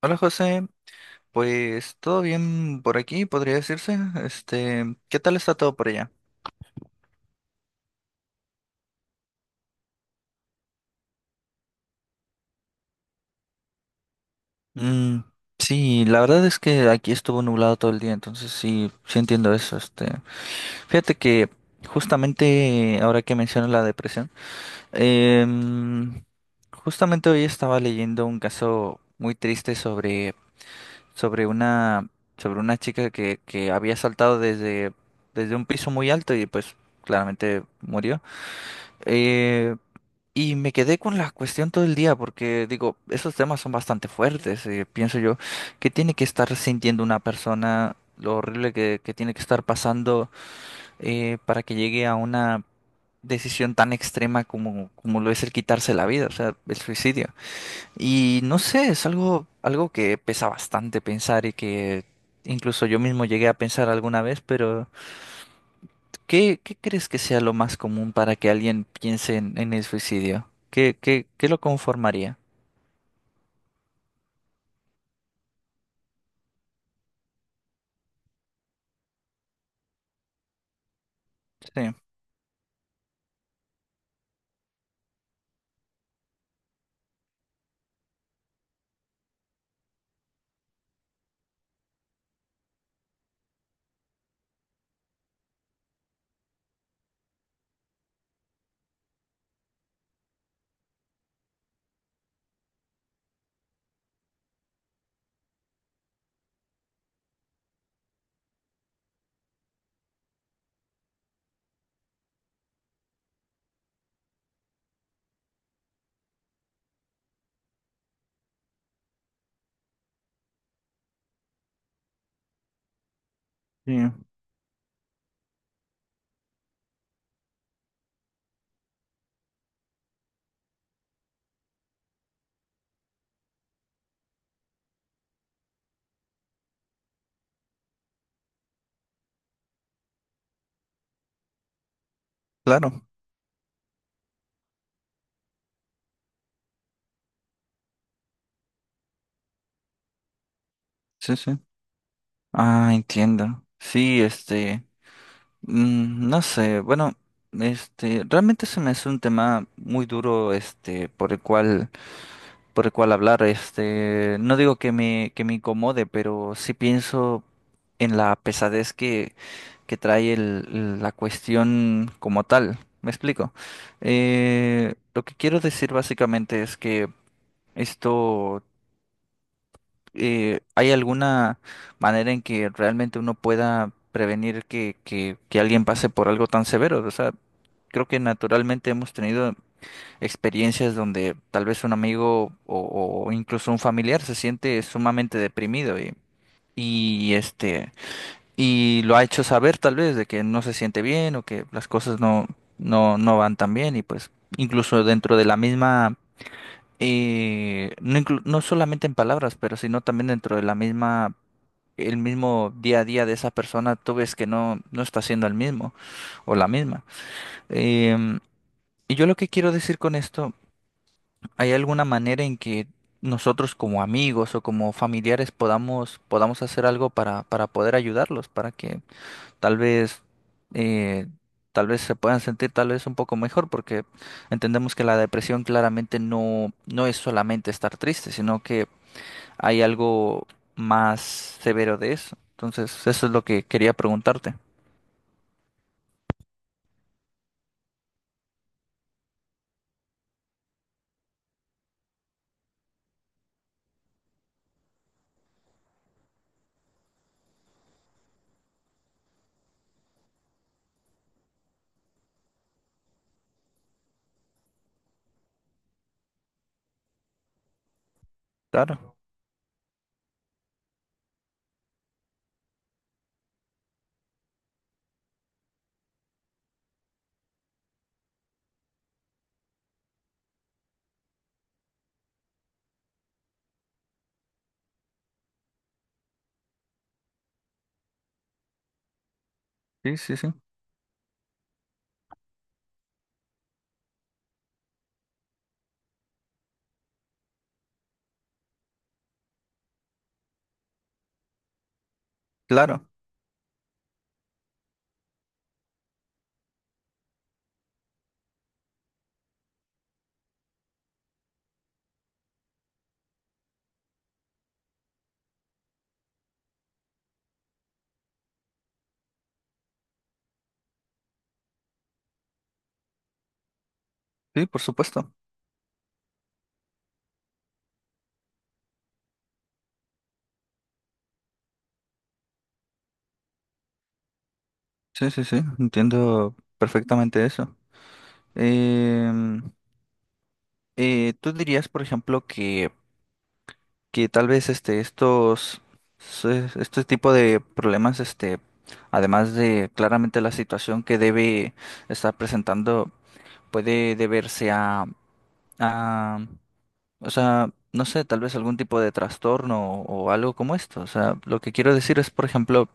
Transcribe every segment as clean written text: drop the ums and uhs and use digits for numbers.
Hola José, pues todo bien por aquí, podría decirse. ¿Qué tal está todo por allá? Mm, sí, la verdad es que aquí estuvo nublado todo el día, entonces sí, sí entiendo eso. Fíjate que justamente ahora que mencionas la depresión, em, justamente hoy estaba leyendo un caso muy triste sobre una sobre una chica que había saltado desde un piso muy alto y pues claramente murió. Eh, Y me quedé con la cuestión todo el día porque digo, esos temas son bastante fuertes. Pienso yo, ¿que tiene que estar sintiendo una persona? Lo horrible que tiene que estar pasando, para que llegue a una decisión tan extrema como, lo es el quitarse la vida, o sea, el suicidio. Y no sé, es algo que pesa bastante pensar y que incluso yo mismo llegué a pensar alguna vez, pero ¿qué crees que sea lo más común para que alguien piense en el suicidio? ¿Qué lo conformaría? Sí, sí, claro, sí, sí. Ah, entiendo. Sí, no sé, bueno, realmente se me hace un tema muy duro, por el cual, hablar, no digo que me incomode, pero sí pienso en la pesadez que trae la cuestión como tal. ¿Me explico? Lo que quiero decir básicamente es que esto. ¿Hay alguna manera en que realmente uno pueda prevenir que alguien pase por algo tan severo? O sea, creo que naturalmente hemos tenido experiencias donde tal vez un amigo o incluso un familiar se siente sumamente deprimido y este y lo ha hecho saber tal vez de que no se siente bien o que las cosas no van tan bien y pues incluso dentro de la misma, no, no solamente en palabras, pero sino también dentro de la misma el mismo día a día de esa persona, tú ves que no está siendo el mismo o la misma. Em, y yo lo que quiero decir con esto, ¿hay alguna manera en que nosotros como amigos o como familiares podamos hacer algo para poder ayudarlos, para que tal vez, eh, tal vez se puedan sentir tal vez un poco mejor? Porque entendemos que la depresión claramente no es solamente estar triste, sino que hay algo más severo de eso. Entonces, eso es lo que quería preguntarte. Claro, sí, sí, sí. Claro, sí, por supuesto. Sí, sí, sí, entiendo perfectamente eso. Em, ¿tú dirías, por ejemplo, que tal vez este tipo de problemas, además de claramente la situación que debe estar presentando, puede deberse a, o sea, no sé, tal vez algún tipo de trastorno o algo como esto. O sea, lo que quiero decir es, por ejemplo,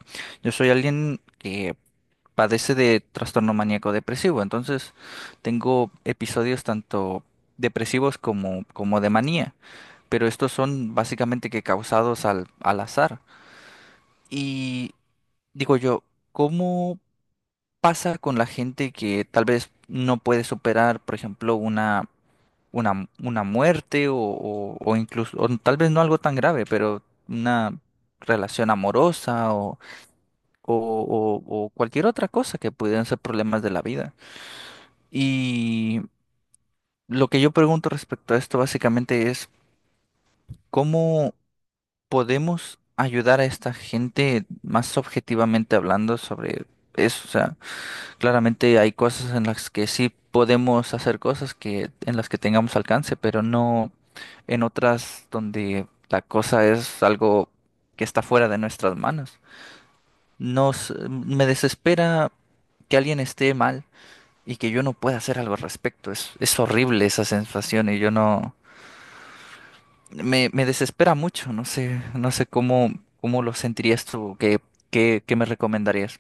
yo soy alguien que padece de trastorno maníaco depresivo, entonces tengo episodios tanto depresivos como de manía, pero estos son básicamente que causados al azar. Y digo yo, ¿cómo pasa con la gente que tal vez no puede superar, por ejemplo, una muerte o incluso, o tal vez no algo tan grave, pero una relación amorosa o cualquier otra cosa que pudieran ser problemas de la vida? Y lo que yo pregunto respecto a esto básicamente es, ¿cómo podemos ayudar a esta gente más objetivamente hablando sobre eso? O sea, claramente hay cosas en las que sí podemos hacer cosas que en las que tengamos alcance, pero no en otras donde la cosa es algo que está fuera de nuestras manos. Nos me desespera que alguien esté mal y que yo no pueda hacer algo al respecto. Es horrible esa sensación y yo no me desespera mucho. No sé, no sé cómo lo sentirías tú, qué me recomendarías.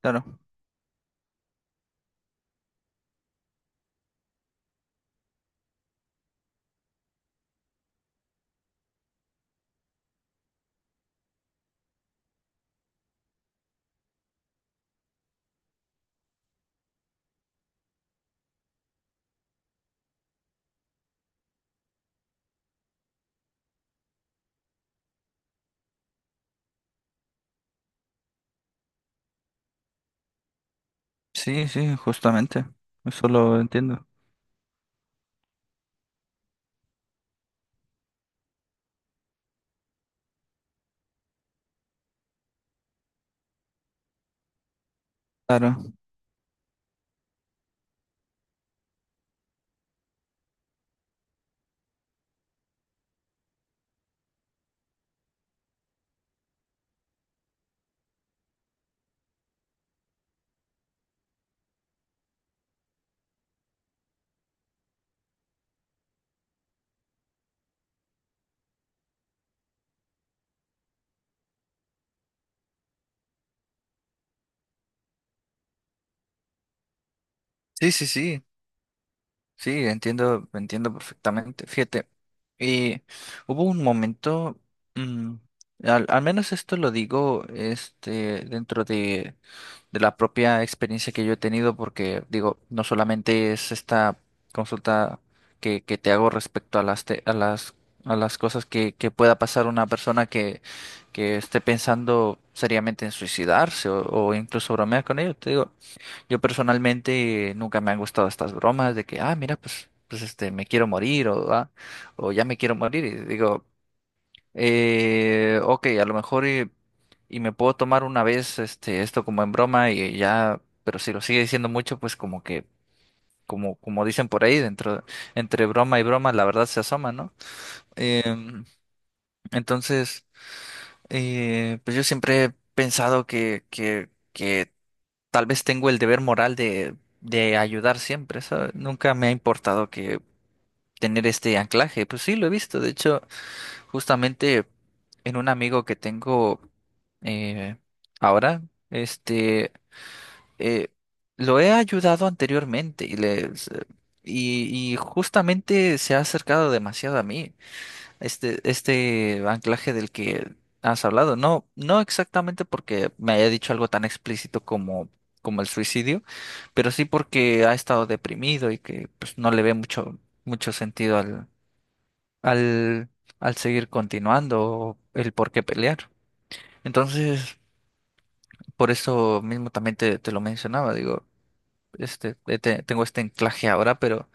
Claro, sí, sí, justamente. Eso lo entiendo. Claro. Sí, sí, sí, sí, entiendo, entiendo perfectamente. Fíjate, y hubo un momento, mm, al menos esto lo digo, dentro de la propia experiencia que yo he tenido, porque digo, no solamente es esta consulta que te hago respecto a las, te- a las cosas que pueda pasar una persona que esté pensando seriamente en suicidarse o incluso bromear con ello, te digo. Yo personalmente nunca me han gustado estas bromas de que, ah, mira, pues me quiero morir o, "Ah, o ya me quiero morir". Y digo, ok, a lo mejor y, me puedo tomar una vez esto como en broma y ya, pero si lo sigue diciendo mucho, pues como que, como dicen por ahí, dentro, entre broma y broma, la verdad se asoma, ¿no? Em, entonces, pues yo siempre he pensado que tal vez tengo el deber moral de ayudar siempre, ¿sabes? Nunca me ha importado que tener este anclaje. Pues sí, lo he visto. De hecho, justamente en un amigo que tengo, eh, ahora, este, eh, lo he ayudado anteriormente y justamente se ha acercado demasiado a mí. Este anclaje del que has hablado, no exactamente porque me haya dicho algo tan explícito como, el suicidio, pero sí porque ha estado deprimido y que pues no le ve mucho sentido al, al seguir continuando o el por qué pelear. Entonces, por eso mismo también te lo mencionaba, digo, tengo este anclaje ahora, pero,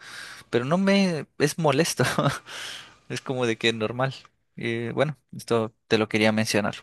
pero no me es molesto, es como de que normal. Y bueno, esto te lo quería mencionar.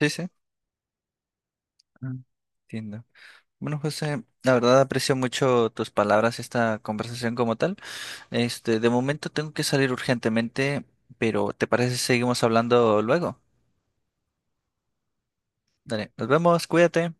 Sí, sí. Ah, entiendo. Bueno, José, la verdad aprecio mucho tus palabras, esta conversación como tal. De momento tengo que salir urgentemente, pero ¿te parece si seguimos hablando luego? Dale, nos vemos, cuídate.